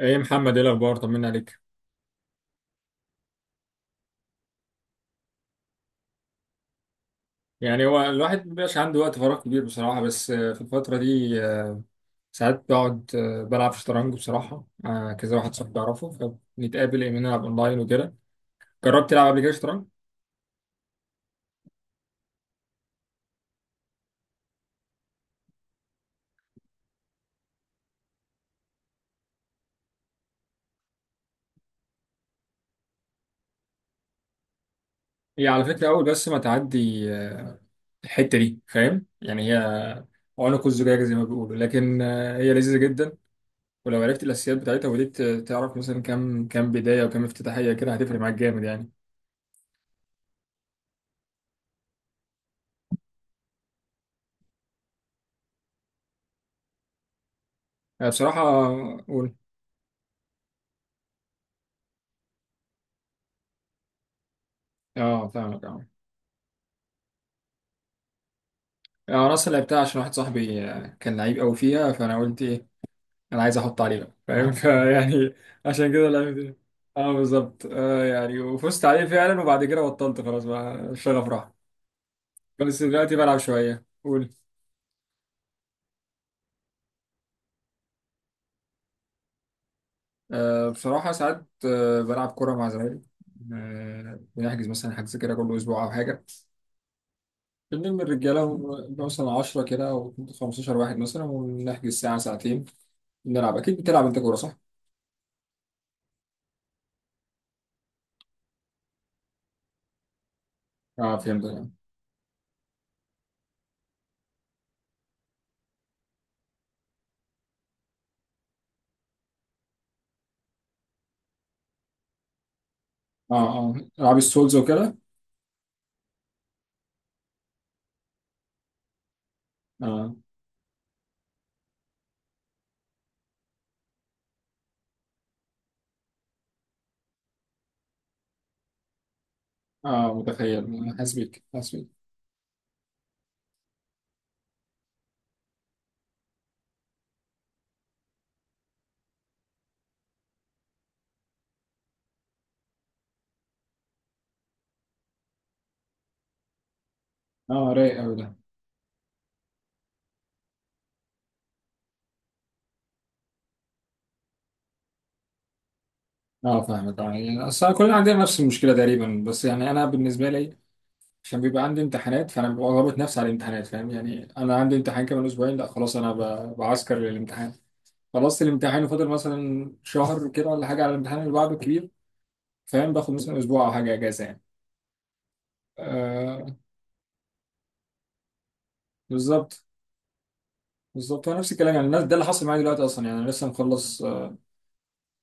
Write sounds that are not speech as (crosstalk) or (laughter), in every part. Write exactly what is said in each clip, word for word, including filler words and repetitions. ايه محمد، ايه الاخبار؟ طمنا عليك. يعني هو الواحد مبيبقاش عنده وقت فراغ كبير بصراحه، بس آه، في الفتره دي آه، ساعات بقعد آه، بلعب شطرنج بصراحه، آه، كذا واحد صاحبي اعرفه. فبنتقابل، ايه، نلعب اونلاين وكده. جربت تلعب قبل كده شطرنج؟ هي على فكره اول، بس ما تعدي آه، الحته دي، فاهم يعني؟ هي عنق الزجاجه زي ما بيقولوا، لكن آه، هي لذيذه جدا. ولو عرفت الاساسيات بتاعتها وبديت آه، تعرف مثلا كام كام بدايه وكام افتتاحيه، كده هتفرق معاك جامد يعني. آه، بصراحه. قول. اه، فاهمك، اه. يعني انا اصلا لعبتها عشان واحد صاحبي كان لعيب قوي فيها، فانا قلت ايه، انا عايز احط عليه بقى، فاهم؟ (laughs) فيعني، عشان كده لعبت. اه بالظبط، آه يعني وفزت عليه فعلا، وبعد كده بطلت خلاص بقى الشغف راح. بس دلوقتي بلعب شويه. قول. آه بصراحه ساعات آه بلعب كوره مع زمايلي. آه بنحجز مثلا حجز كده كل اسبوع او حاجه. بنلم الرجاله ونبقى مثلا عشرة كده او خمسة عشر واحد مثلا، ونحجز ساعه ساعتين نلعب. اكيد بتلعب انت كوره، صح؟ اه فهمت يعني. اه، اه، العاب السولز وكده. اه اه، متخيل، حاسس بيك، حاسس بيك. اه رايق قوي ده. اه فاهمك اه. يعني اصل كلنا عندنا نفس المشكله تقريبا، بس يعني انا بالنسبه لي عشان بيبقى عندي امتحانات، فانا ببقى ضابط نفسي على الامتحانات. فاهم يعني؟ انا عندي امتحان كمان اسبوعين، لا خلاص انا ب- بعسكر للامتحان. خلصت الامتحان وفاضل مثلا شهر كده ولا حاجه على الامتحان اللي بعده الكبير. فاهم. باخد مثلا اسبوع او حاجه اجازه يعني. آه بالظبط، بالظبط هو نفس الكلام. يعني الناس ده اللي حصل معايا دلوقتي اصلا، يعني انا لسه مخلص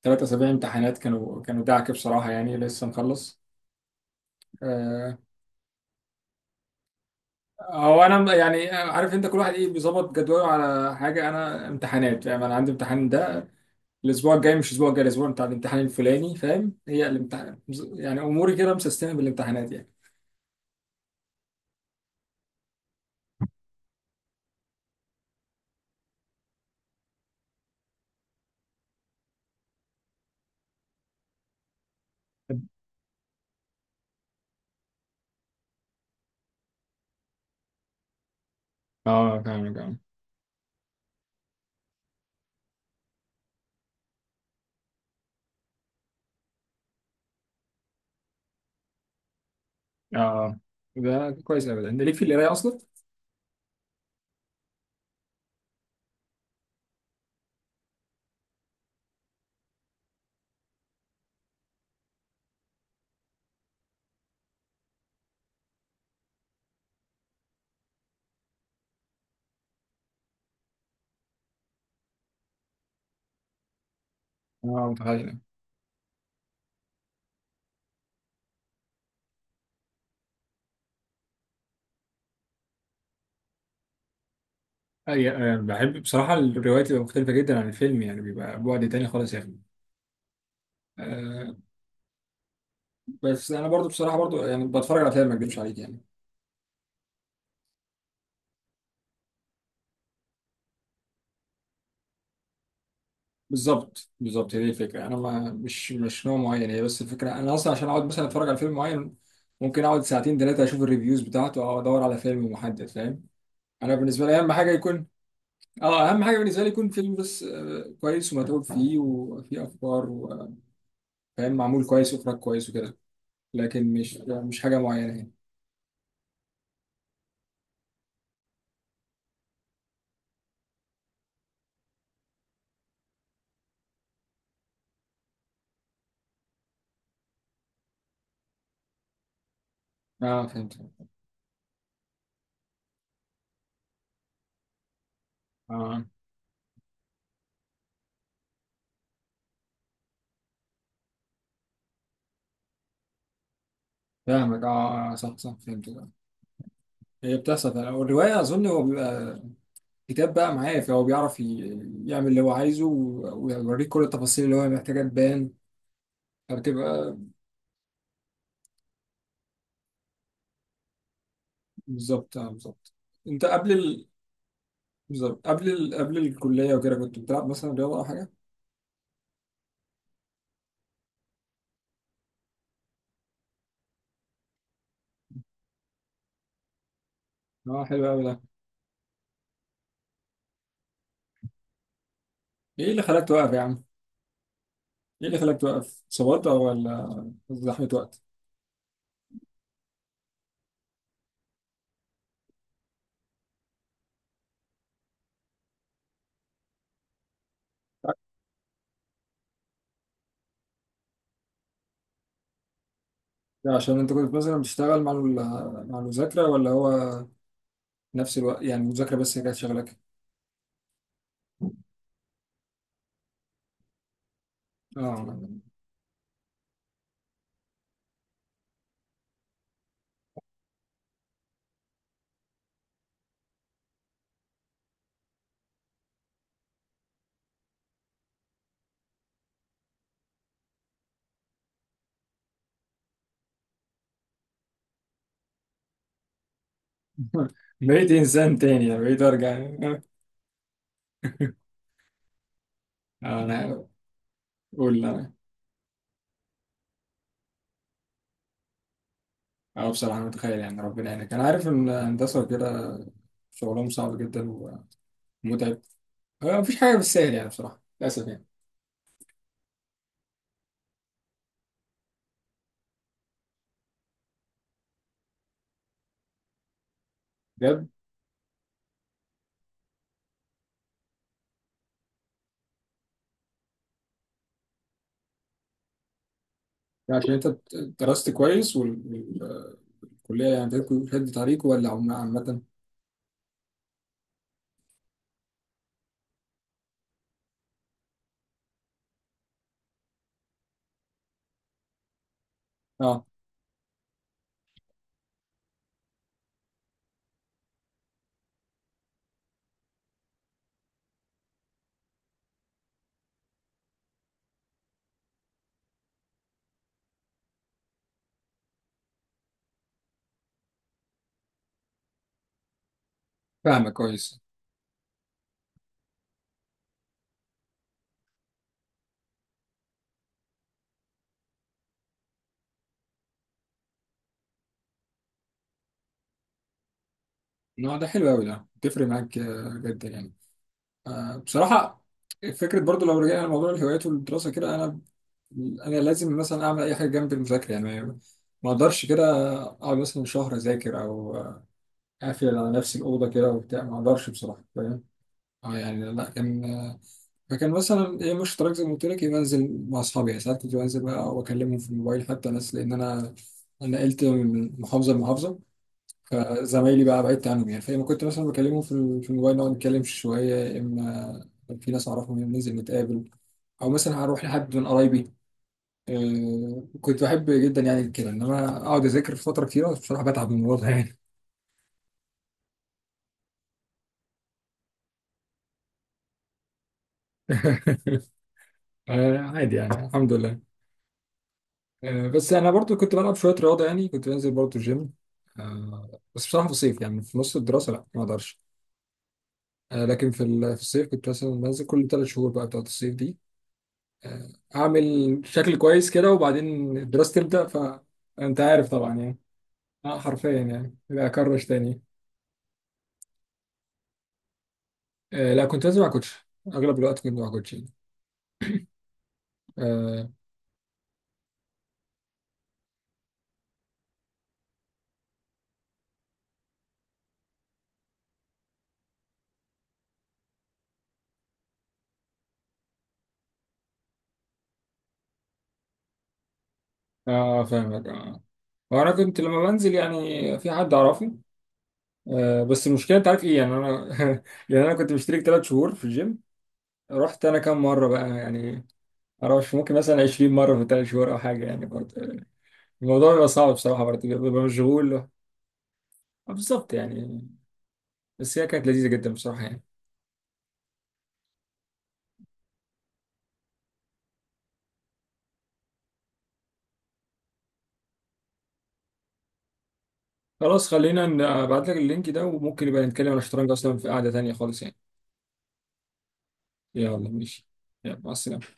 ثلاث اسابيع امتحانات، كانوا كانوا دعكه بصراحه، يعني لسه مخلص. آه، هو انا م- يعني آه، عارف انت كل واحد ايه بيظبط جدوله على حاجه، انا امتحانات، يعني انا عندي امتحان ده الاسبوع الجاي، مش الاسبوع الجاي، الاسبوع بتاع الامتحان الفلاني. فاهم؟ هي الامتحان. يعني اموري كده مسيستمه بالامتحانات يعني. اه فاهم، فاهم اه. ده كويس ابدا، انت ليك في القرايه اصلا. اه متخيل. أي- آه، بحب بصراحة الروايات بتبقى مختلفة جدا عن الفيلم، يعني بيبقى بعد تاني خالص يا أخي. آه، بس انا برضو بصراحه، برضو يعني بتفرج على افلام، ما اكذبش عليك يعني. بالظبط، بالظبط هي دي الفكره. انا ما مش مش نوع معين، هي بس الفكره انا اصلا عشان اقعد مثلا اتفرج على فيلم معين ممكن اقعد ساعتين ثلاثه اشوف الريفيوز بتاعته او ادور على فيلم محدد فاهم. انا بالنسبه لي اهم حاجه يكون. اه اهم حاجه بالنسبه لي يكون فيلم بس آه، كويس ومتعوب فيه وفيه افكار، وفاهم، معمول كويس واخراج كويس وكده. لكن مش مش حاجه معينه يعني. اه فهمت. اه فاهمك اه. آه، صح، صح، فهمت. هي بتحصل فعلا. والروايه اظن هو بيبقى كتاب بقى معاه، فهو بيعرف ي- يعمل اللي هو عايزه و- ويوريك كل التفاصيل اللي هو محتاجها تبان. فبتبقى بالظبط، آه، بالظبط. انت قبل ال... بالظبط، قبل ال... قبل الكلية وكده كنت بتلعب مثلا رياضة أو حاجة؟ اه حلو أوي ده. ايه اللي خلاك توقف يا عم؟ ايه اللي خلاك توقف؟ صبرت أو ولا زحمة وقت؟ ده عشان انت كنت مثلا بتشتغل مع ال... مع المذاكرة ولا هو نفس الوقت؟ يعني المذاكرة بس هي كانت شغلك؟ اه (laughs) بقيت إنسان تاني، بقيت أرجع (laughs) آه، أنا قول. أنا بصراحة متخيل يعني ربنا يعينك، أنا عارف إن الهندسة كده شغلهم صعب جدا ومتعب. آه، مفيش حاجة بالسهل يعني، بصراحة للأسف يعني. بجد؟ يعني عشان أنت درست كويس وال- وال- والكلية يعني بتاعتكم شد طريق ولا عم- عامة؟ أه فاهمك كويس. النوع ده حلو أوي ده، بتفرق معاك آه، جدا يعني. آه، بصراحة. فكرة. برضو لو رجعنا لموضوع الهوايات والدراسة كده، أنا أنا لازم مثلا أعمل أي حاجة جنب المذاكرة. يعني ما ما أقدرش كده أقعد مثلا شهر أذاكر أو قافل على نفسي الأوضة كده وبتاع، ما أقدرش بصراحة فاهم. اه يعني لا كان. فكان مثلا ايه، مش تراك، زي ما قلت لك إيه، بنزل مع أصحابي يعني ساعات، كنت بنزل بقى وأكلمهم في الموبايل حتى ناس، لأن أنا أنا نقلت من محافظة لمحافظة. فزمايلي بقى بعدت عنهم يعني، فلما كنت مثلا بكلمهم في ال- في الموبال نقعد نتكلم شوية، يا إما في ناس أعرفهم ننزل نتقابل، أو مثلا هروح لحد من قرايبي. آه، كنت بحب جدا يعني كده، إنما أقعد أذاكر فترة كتيرة بصراحة بتعب من الموضوع ده يعني. (laughs) آه، عادي يعني الحمد لله. آه، بس انا برضو كنت بلعب شويه رياضه يعني، كنت بنزل برضو الجيم. آه، بس بصراحه في الصيف يعني في نص الدراسه، لا ما اقدرش. آه، لكن في ال- في الصيف كنت مثلا بنزل كل ثلاث شهور، بقى بتاعت الصيف دي. آه، اعمل شكل كويس كده، وبعدين الدراسه تبدا، فانت عارف طبعا يعني. اه حرفيا يعني، لا اكرش تاني. آه، لا كنت بنزل مع كوتش، اغلب الوقت كنت مع كوتش يعني. اه آه، فاهمك اه. وانا كنت لما بنزل يعني في حد اعرفه. آه، بس المشكله انت عارف ايه يعني، انا (laughs) يعني انا كنت مشترك ثلاث شهور في الجيم. رحت انا كام مره بقى يعني؟ معرفش، ممكن مثلا عشرين مره في ثلاث شهور او حاجه يعني، برضه الموضوع بيبقى صعب بصراحه، برضه بيبقى مشغول. آه، بالظبط يعني. بس هي كانت لذيذه جدا بصراحه يعني. خلاص خلينا ن- ابعت لك اللينك ده، وممكن نبقى نتكلم عن الشطرنج اصلا في قعده تانيه خالص يعني. يلا ماشي. يلا مع السلامه.